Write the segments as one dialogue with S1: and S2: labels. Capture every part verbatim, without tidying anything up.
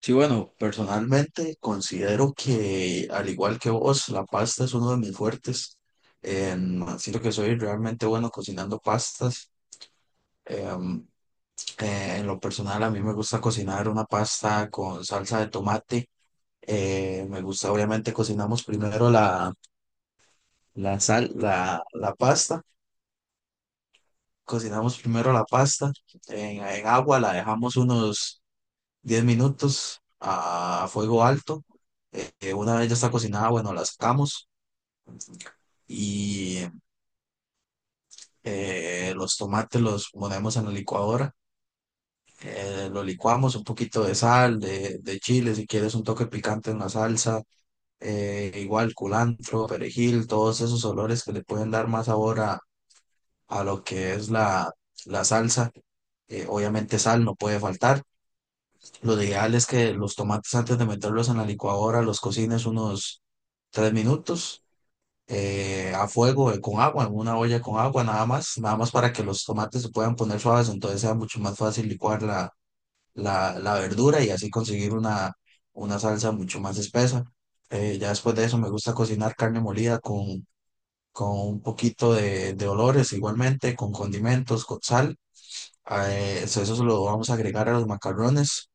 S1: Sí, bueno, personalmente considero que, al igual que vos, la pasta es uno de mis fuertes. Em, siento que soy realmente bueno cocinando pastas. Em, eh, en lo personal, a mí me gusta cocinar una pasta con salsa de tomate. Eh, me gusta, obviamente, cocinamos primero la, la sal, la, la pasta. Cocinamos primero la pasta en, en agua, la dejamos unos diez minutos a fuego alto. Eh, eh, una vez ya está cocinada, bueno, la sacamos y eh, los tomates los ponemos en la licuadora. Eh, lo licuamos un poquito de sal, de, de chile, si quieres un toque picante en la salsa, eh, igual culantro, perejil, todos esos olores que le pueden dar más sabor a, a lo que es la, la salsa. Eh, obviamente sal no puede faltar. Lo ideal es que los tomates antes de meterlos en la licuadora los cocines unos tres minutos, eh, a fuego, eh, con agua, en una olla con agua nada más, nada más para que los tomates se puedan poner suaves, entonces sea mucho más fácil licuar la, la, la verdura y así conseguir una, una salsa mucho más espesa. Eh, ya después de eso me gusta cocinar carne molida con, con un poquito de, de olores igualmente, con condimentos, con sal. Ah, Eh, eso, eso se lo vamos a agregar a los macarrones.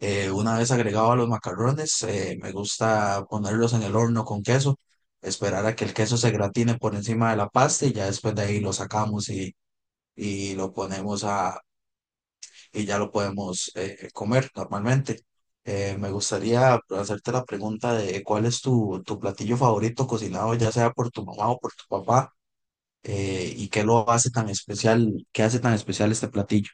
S1: eh, Una vez agregado a los macarrones, eh, me gusta ponerlos en el horno con queso, esperar a que el queso se gratine por encima de la pasta y ya después de ahí lo sacamos y, y lo ponemos a, y ya lo podemos eh, comer normalmente. Eh, me gustaría hacerte la pregunta de cuál es tu, tu platillo favorito cocinado, ya sea por tu mamá o por tu papá, eh, y qué lo hace tan especial, qué hace tan especial este platillo.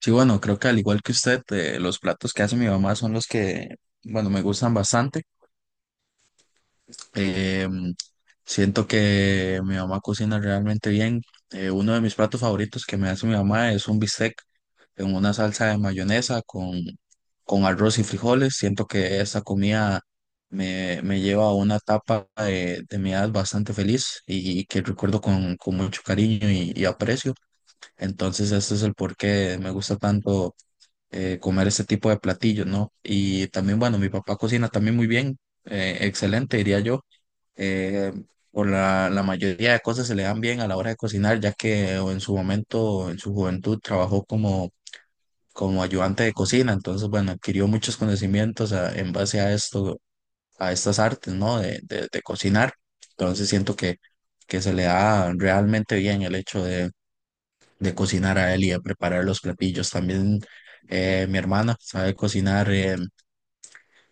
S1: Sí, bueno, creo que al igual que usted, eh, los platos que hace mi mamá son los que, bueno, me gustan bastante. Eh, Siento que mi mamá cocina realmente bien. Eh, uno de mis platos favoritos que me hace mi mamá es un bistec en una salsa de mayonesa con, con arroz y frijoles. Siento que esa comida me, me lleva a una etapa de, de mi edad bastante feliz y, que recuerdo con, con mucho cariño y, y aprecio. Entonces, este es el por qué me gusta tanto eh, comer ese tipo de platillos, ¿no? Y también, bueno, mi papá cocina también muy bien, eh, excelente, diría yo. Eh, por la, la mayoría de cosas se le dan bien a la hora de cocinar, ya que en su momento, en su juventud, trabajó como, como ayudante de cocina, entonces, bueno, adquirió muchos conocimientos a- en base a esto, a estas artes, ¿no? De, de, de cocinar. Entonces siento que, que se le da realmente bien el hecho de cocinar a él y de preparar los platillos. También eh, mi hermana sabe cocinar eh,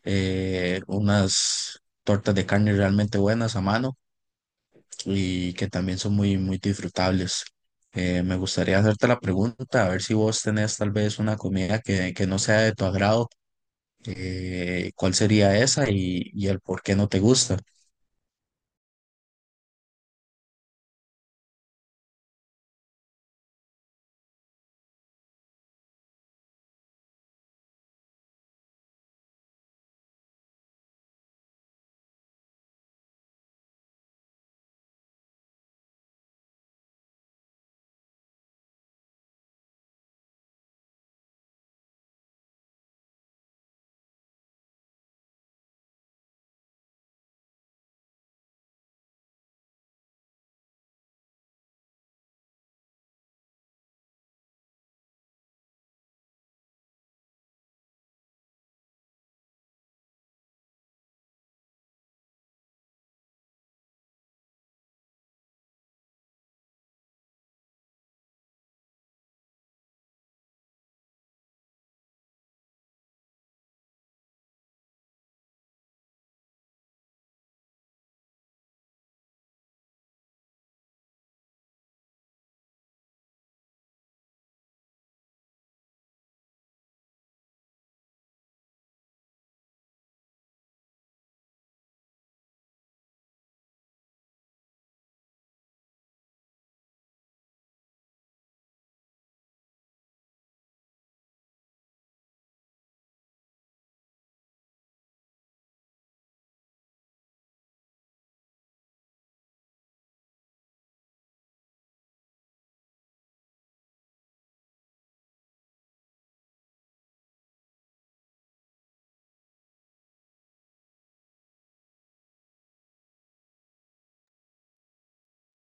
S1: eh, unas tortas de carne realmente buenas a mano y que también son muy, muy disfrutables. Eh, me gustaría hacerte la pregunta, a ver si vos tenés tal vez una comida que, que no sea de tu agrado, eh, ¿cuál sería esa y, y el por qué no te gusta?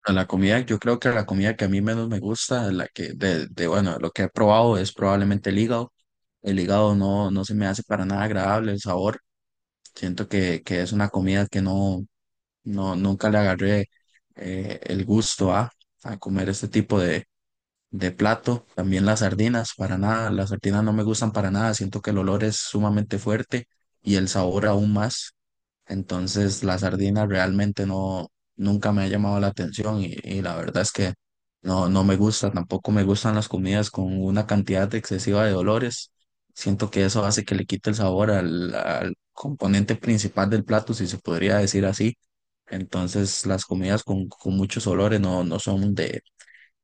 S1: A la comida, yo creo que la comida que a mí menos me gusta, la que de, de, bueno, lo que he probado es probablemente el hígado. El hígado no, no se me hace para nada agradable el sabor. Siento que, que es una comida que no, no, nunca le agarré eh, el gusto a, a comer este tipo de, de plato. También las sardinas, para nada, las sardinas no me gustan para nada. Siento que el olor es sumamente fuerte y el sabor aún más. Entonces, la sardina realmente no, nunca me ha llamado la atención y, y la verdad es que no, no me gusta, tampoco me gustan las comidas con una cantidad excesiva de olores. Siento que eso hace que le quite el sabor al, al componente principal del plato, si se podría decir así. Entonces, las comidas con, con muchos olores no, no son de,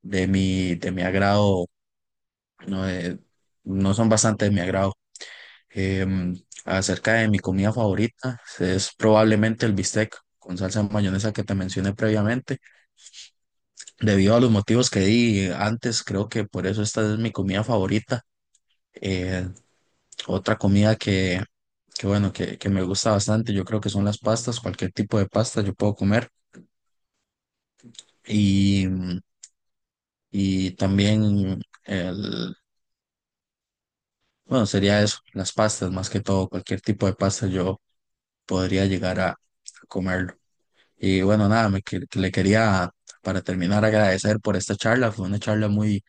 S1: de mi, de mi agrado, no, eh, no son bastante de mi agrado. Em, Acerca de mi comida favorita, es probablemente el bistec con salsa de mayonesa que te mencioné previamente. Debido a los motivos que di antes, creo que por eso esta es mi comida favorita. Eh, Otra comida que, que bueno, que, que me gusta bastante, yo creo que son las pastas, cualquier tipo de pasta yo puedo comer. Y, y también el, bueno, sería eso, las pastas, más que todo, cualquier tipo de pasta yo podría llegar a comerlo. Y bueno, nada, me que- que le quería para terminar agradecer por esta charla. Fue una charla muy,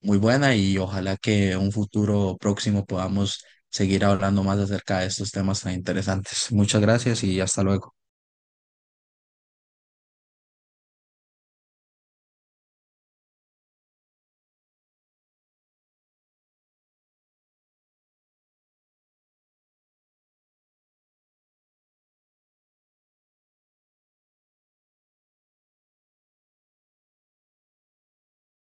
S1: muy buena y ojalá que en un futuro próximo podamos seguir hablando más acerca de estos temas tan interesantes. Muchas gracias y hasta luego.